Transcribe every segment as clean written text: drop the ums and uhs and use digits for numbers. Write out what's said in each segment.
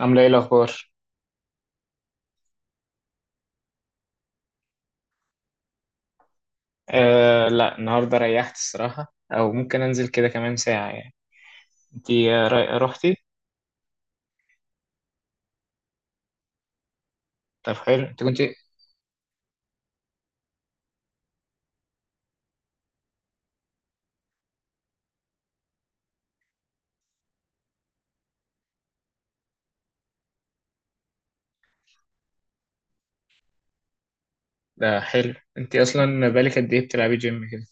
عاملة ايه الأخبار؟ لا، النهاردة ريحت الصراحة، أو ممكن أنزل كده كمان ساعة يعني. انتي، روحتي؟ طب حلو، انت كنتي. ده حلو، انتي أصلا بقالك قد ايه بتلعبي جيم كده؟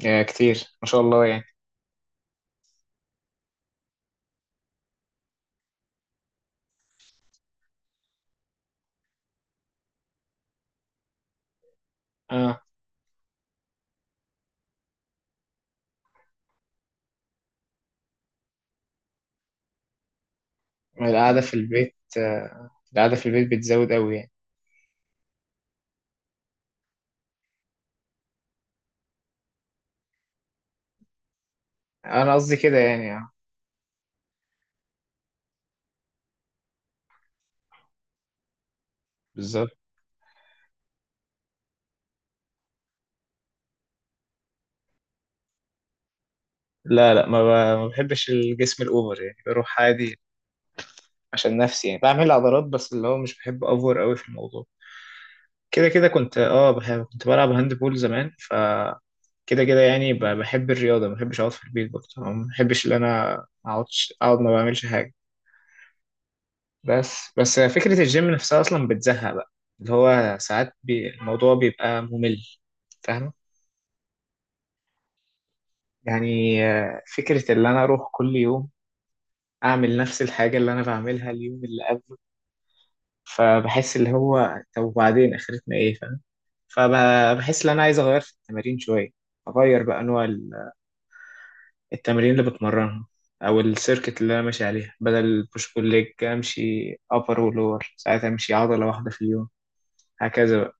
يا كتير، ما شاء الله يعني. اه، القعدة في البيت، القعدة في البيت بتزود أوي يعني. أنا قصدي كده يعني، اه بالظبط. لا لا، ما بحبش الجسم الأوفر يعني، بروح عادي عشان نفسي يعني بعمل عضلات، بس اللي هو مش بحب أوفر أوي في الموضوع. كده كده كنت بحب، كنت بلعب هاند بول زمان. ف كده كده يعني، بحب الرياضة، ما بحبش أقعد في البيت برضه، أو ما بحبش إن أنا أقعدش أقعد ما بعملش حاجة. بس فكرة الجيم نفسها أصلا بتزهق بقى، اللي هو ساعات بي الموضوع بيبقى ممل. فاهمة؟ يعني فكرة إن أنا أروح كل يوم أعمل نفس الحاجة اللي أنا بعملها اليوم اللي قبله، فبحس اللي هو طب وبعدين آخرتنا إيه، فاهم؟ فبحس إن أنا عايز أغير في التمارين شوية، أغير بقى نوع التمارين اللي بتمرنها، او السيركت اللي انا ماشي عليها. بدل البوش بول ليج امشي ابر ولور، ساعات امشي عضله واحده في اليوم هكذا بقى.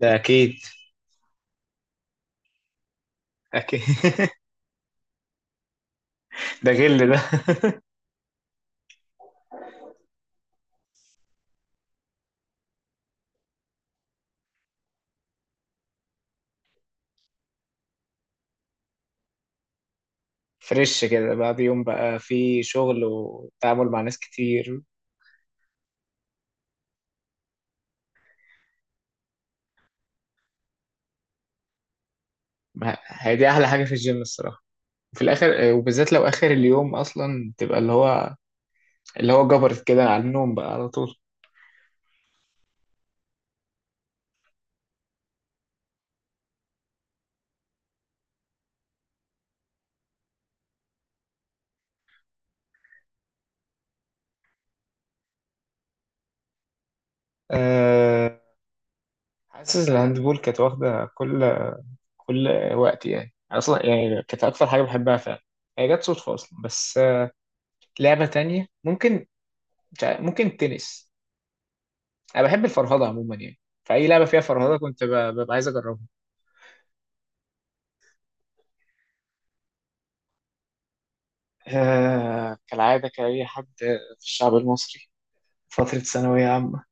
ده اكيد اكيد. ده غل ده. فريش كده بعد يوم بقى في شغل وتعامل مع ناس كتير. هي دي احلى حاجه في الجيم الصراحه، في الاخر، وبالذات لو اخر اليوم اصلا تبقى اللي هو جبرت كده على النوم بقى على طول. أه... حاسس الهاندبول كانت واخده كل وقت يعني، أنا اصلا يعني كانت اكتر حاجه بحبها فعلا، هي جت صدفه اصلا. بس، لعبه تانية ممكن، مش عارف- ممكن التنس. انا بحب الفرهده عموما يعني، فاي لعبه فيها فرهده كنت ببقى عايز اجربها. كالعاده، كاي حد في الشعب المصري، فتره ثانويه عامه.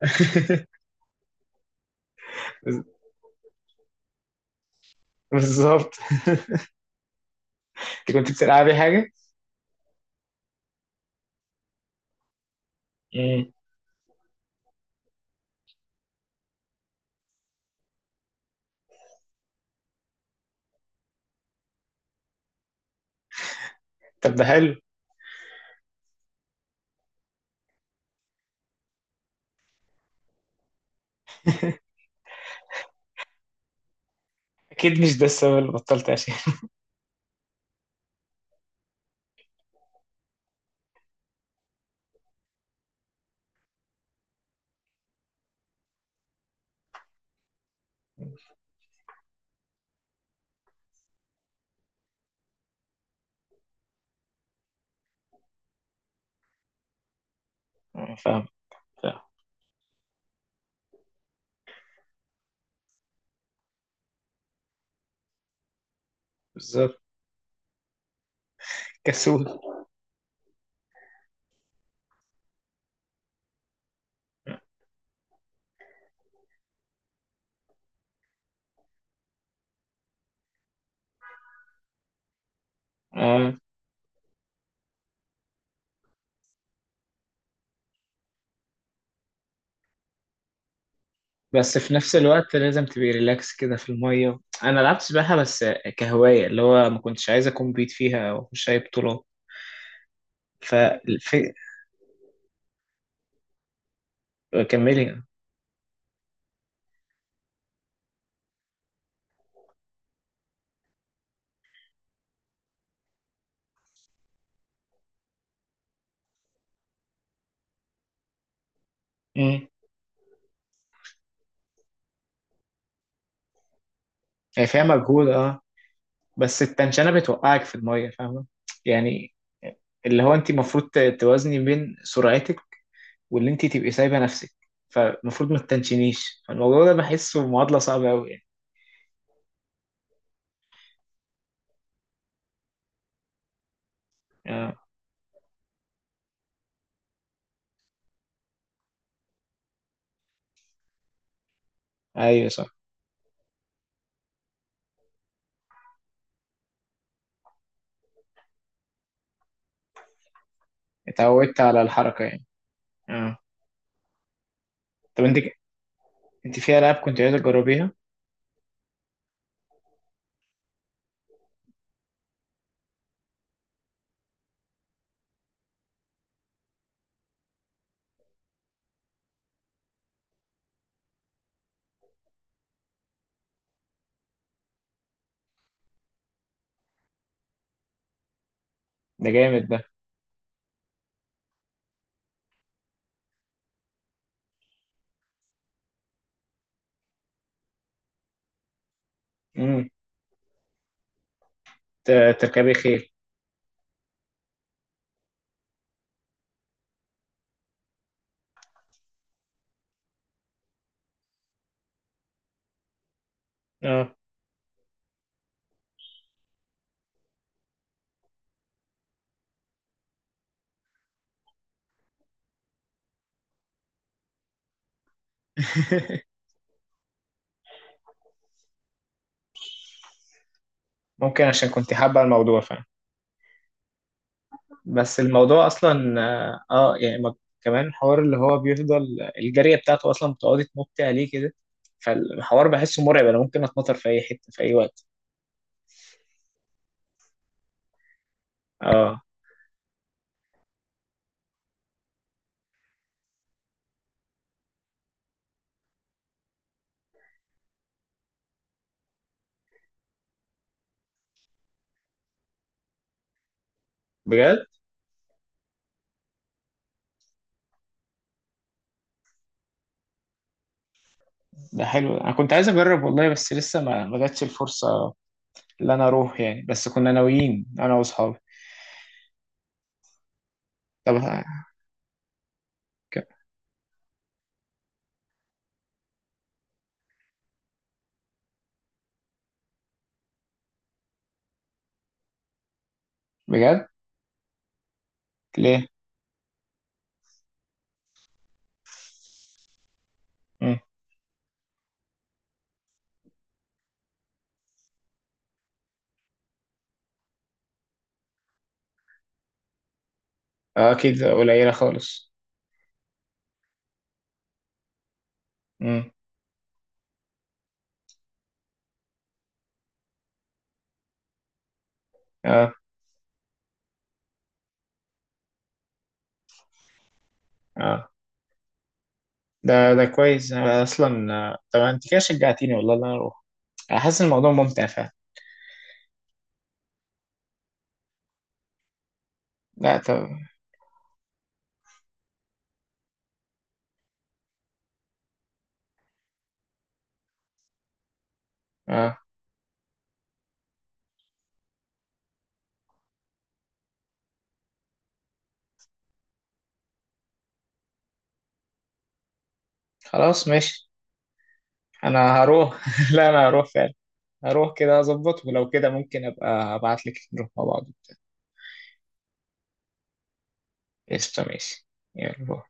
بز- بالظبط. انت كنت بتلعبي حاجه؟ مم. طب ده حلو. اكيد مش ده السبب اللي بطلت عشان. فاهم، فاهم. بالظبط، كسول. آه. بس في نفس الوقت لازم تبقي ريلاكس كده في المية. أنا لعبت سباحة بس كهواية، اللي هو ما كنتش عايز أكون بيت فيها أو أخش أي بطولة، فالفي... كملي. امم. هي فيها مجهود أه، بس التنشنة بتوقعك في المية، فاهمة يعني؟ اللي هو أنت المفروض توازني بين سرعتك واللي أنت تبقي سايبة نفسك، فالمفروض ما تتنشنيش. فالموضوع ده بحسه معادلة صعبة أوي يعني. أه، أيوه صح. اتعودت على الحركة يعني. أه. طب أنت في ألعاب كنت عايزة تجربيها؟ ده جامد ده. امم. ت- تركبي خيل؟ اه. ممكن عشان كنت حابة الموضوع فعلا. بس الموضوع أصلا، يعني كمان حوار اللي هو بيفضل الجارية بتاعته أصلا بتقعدي تنطي عليه كده، فالحوار بحسه مرعب، أنا ممكن أتنطر في أي حتة في أي وقت. اه. بجد؟ ده حلو. أنا كنت عايز أجرب والله، بس لسه ما جاتش الفرصة اللي أنا أروح يعني، بس كنا ناويين أنا وأصحابي. طب ه- ك- بجد؟ ليه؟ مم. اه، أكيد قليلة خالص. مم. اه، اه، ده كويس. أنا اصلا، طب انت كده شجعتيني والله ان انا اروح، انا حاسس إن الموضوع ممتع فعلا. لا طب. آه. خلاص ماشي، انا هروح. لا انا هروح فعلا، هروح كده اظبط، ولو كده ممكن ابقى ابعت لك نروح مع بعض. قشطة، ماشي. يلا باي.